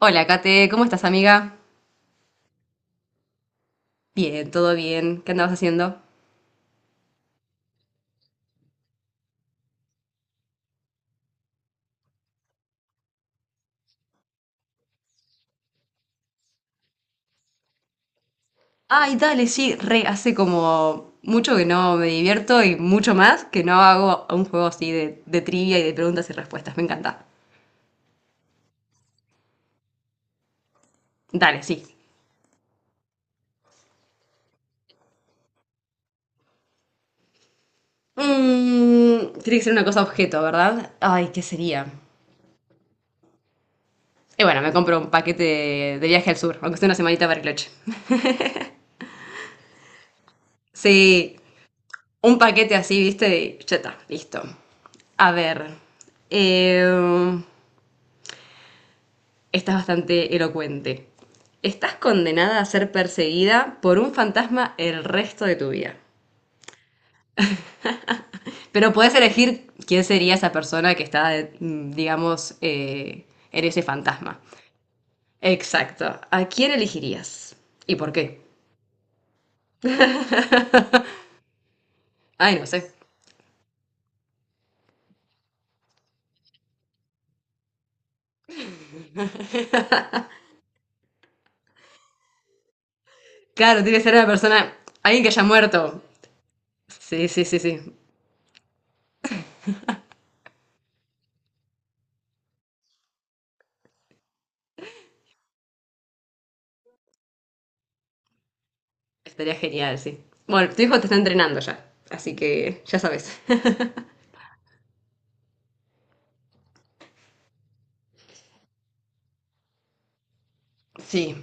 Hola, Kate, ¿cómo estás, amiga? Bien, todo bien. ¿Qué andabas haciendo? Ay, dale, sí, re, hace como mucho que no me divierto y mucho más que no hago un juego así de trivia y de preguntas y respuestas. Me encanta. Dale, sí. Mm, tiene que ser una cosa objeto, ¿verdad? Ay, ¿qué sería? Y bueno, me compro un paquete de viaje al sur, aunque sea una semanita para Cloche. Sí, un paquete así, ¿viste? Y ya está, listo. A ver. eh, Esta es bastante elocuente. Estás condenada a ser perseguida por un fantasma el resto de tu vida. Pero puedes elegir quién sería esa persona que está, mm, digamos, en ese fantasma. Exacto. ¿A quién elegirías? ¿Y por qué? Ay, no sé. Claro, tiene que ser una persona, alguien que haya muerto. Sí, sí, sí, sí. Estaría genial, sí. Bueno, tu hijo te está entrenando ya, así que ya sabes. Sí.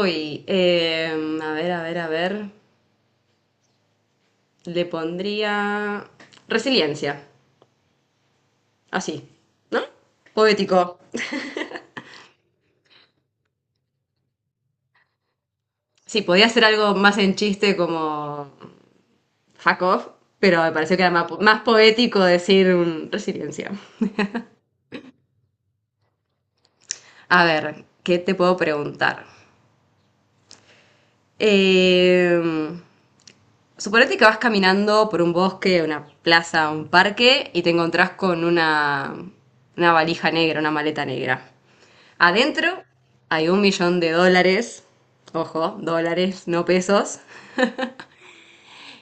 Uy, a ver, a ver, a ver. Le pondría resiliencia, así, ¿no? Poético. Sí, podía hacer algo más en chiste como fuck off, pero me pareció que era más, más poético decir resiliencia. A ver, ¿qué te puedo preguntar? Eh, suponete que vas caminando por un bosque, una plaza, un parque y te encontrás con una valija negra, una maleta negra. Adentro hay un millón de dólares, ojo, dólares, no pesos,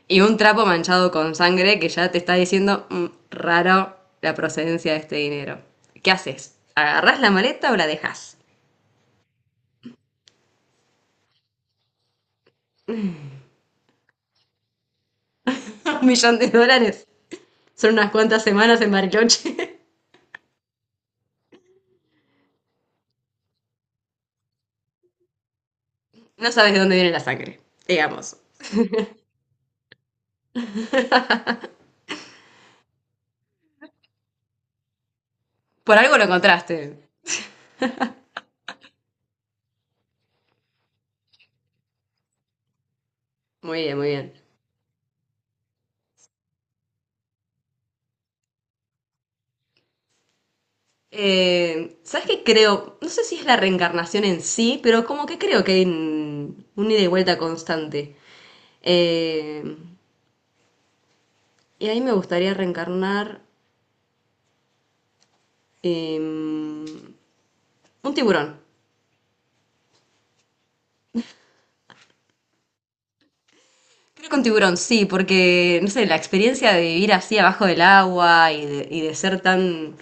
y un trapo manchado con sangre que ya te está diciendo "Mm, raro la procedencia de este dinero. ¿Qué haces? ¿Agarrás la maleta o la dejas? Un millón de dólares. Son unas cuantas semanas en Bariloche. No sabes de dónde viene la sangre, digamos. Por algo lo encontraste. Muy bien, muy bien. ¿Sabes qué creo? No sé si es la reencarnación en sí, pero como que creo que hay un ida y vuelta constante. Eh, y ahí me gustaría reencarnar un tiburón. Creo que un tiburón, sí, porque, no sé, la experiencia de vivir así abajo del agua y y de ser tan...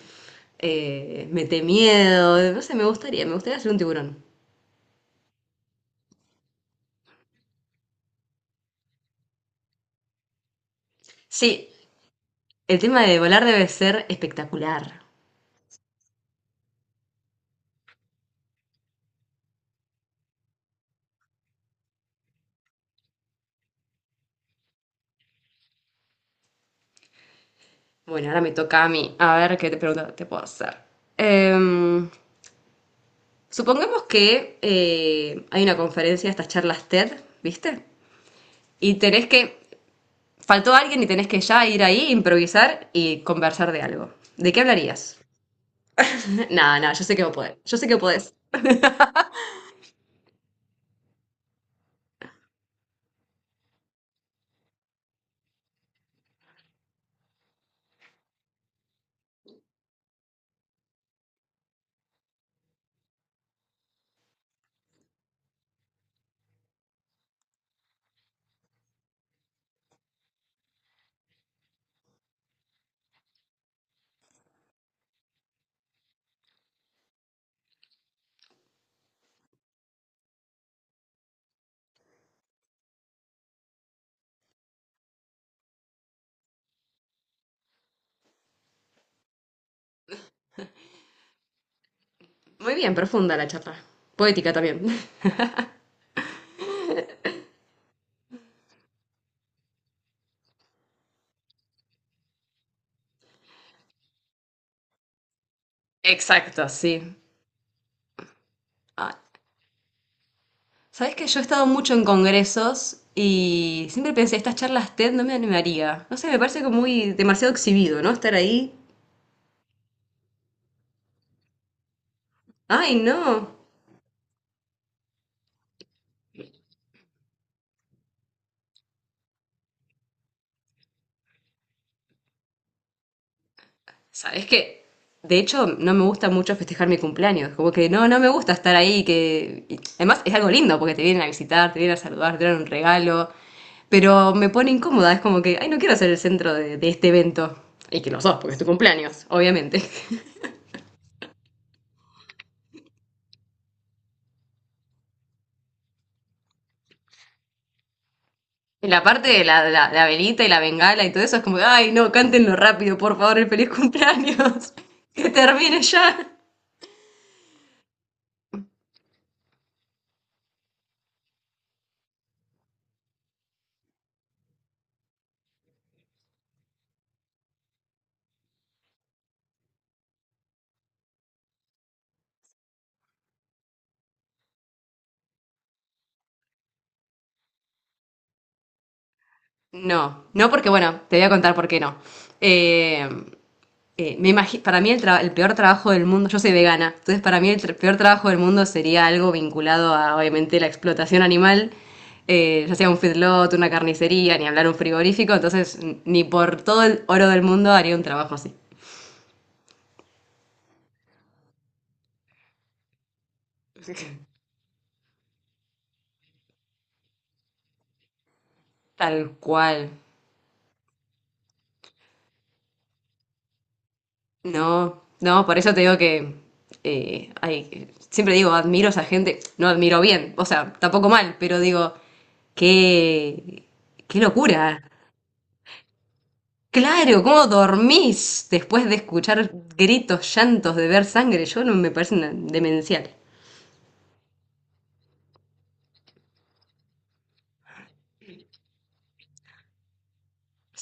mete miedo, no sé, me gustaría ser un tiburón. Sí, el tema de volar debe ser espectacular. Bueno, ahora me toca a mí. A ver qué te pregunta te puedo hacer. Em, supongamos que hay una conferencia, estas charlas TED, ¿viste? Y tenés que ya ir ahí, improvisar y conversar de algo. ¿De qué hablarías? Nada, nada, yo sé que vos podés. Yo sé que podés. Muy bien, profunda la charla. Poética también. Exacto, sí. Sabes que yo he estado mucho en congresos y siempre pensé, estas charlas TED no me animaría. No sé, me parece como muy demasiado exhibido, ¿no? Estar ahí. Ay, no. Sabes que, de hecho, no me gusta mucho festejar mi cumpleaños. Como que no, no me gusta estar ahí. Que... y además, es algo lindo porque te vienen a visitar, te vienen a saludar, te dan un regalo. Pero me pone incómoda. Es como que, ay, no quiero ser el centro de este evento. Y que no sos, porque es tu cumpleaños, obviamente. Y la parte de la velita y la bengala y todo eso es como, ay, no, cántenlo rápido, por favor, el feliz cumpleaños. Que termine ya. No, no porque, bueno, te voy a contar por qué no. Eh, para mí el peor trabajo del mundo, yo soy vegana, entonces para mí el peor trabajo del mundo sería algo vinculado a, obviamente, la explotación animal, ya sea un feedlot, una carnicería, ni hablar un frigorífico, entonces ni por todo el oro del mundo haría un trabajo así. Tal cual. No, no, por eso te digo que siempre digo, admiro a esa gente, no admiro bien, o sea, tampoco mal, pero digo, qué, qué locura. Claro, ¿cómo dormís después de escuchar gritos, llantos, de ver sangre? Yo no me parece demencial.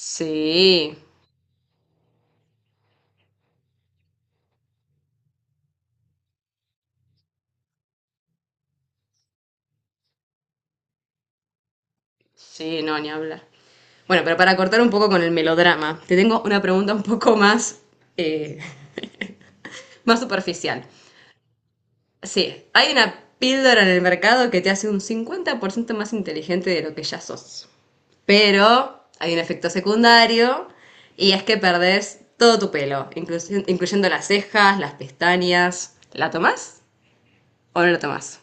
Sí, sí, no, ni hablar. Bueno, pero para cortar un poco con el melodrama, te tengo una pregunta un poco más, eh, más superficial. Sí, hay una píldora en el mercado que te hace un 50% más inteligente de lo que ya sos. Pero hay un efecto secundario y es que perdés todo tu pelo, incluyendo las cejas, las pestañas. ¿La tomás o no la tomás?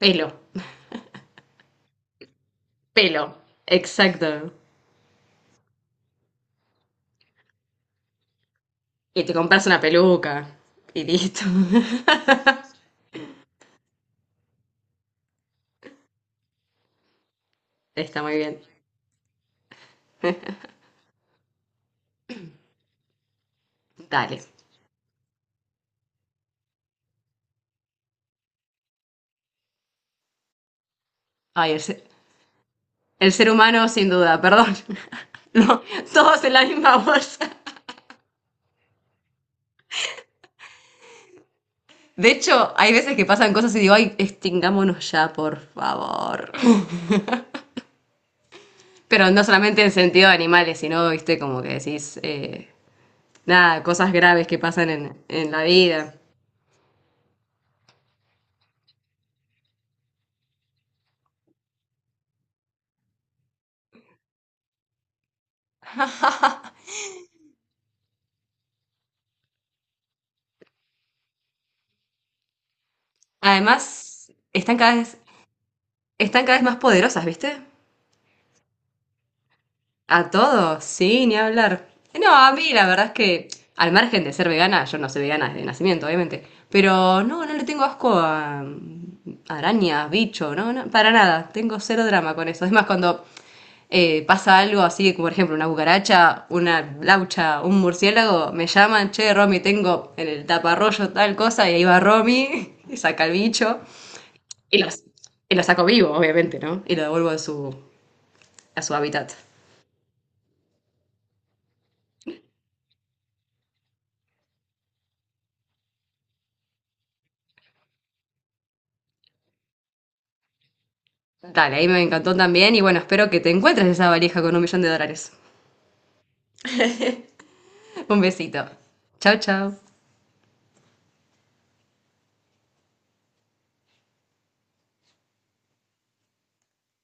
Pelo, pelo, exacto. Y te compras una peluca y listo. Está muy bien. Dale. Ay, el ser humano sin duda, perdón. No, todos en la misma bolsa. De hecho, hay veces que pasan cosas y digo, ay, extingámonos ya, por favor. Pero no solamente en sentido de animales, sino, viste, como que decís, nada, cosas graves que pasan en la vida. Además, están cada vez más poderosas, viste. A todos, sí, ni hablar. No, a mí la verdad es que, al margen de ser vegana, yo no soy vegana desde nacimiento, obviamente. Pero no, no le tengo asco a arañas, bicho, no, no, para nada. Tengo cero drama con eso. Es más, cuando pasa algo así, como por ejemplo una cucaracha, una laucha, un murciélago, me llaman, che, Romy, tengo en el taparrollo tal cosa, y ahí va Romy y saca el bicho. Y lo, y lo saco vivo, obviamente, ¿no? Y lo devuelvo a su hábitat. Dale, ahí me encantó también y bueno, espero que te encuentres esa valija con un millón de dólares. Un besito. Chao, chao.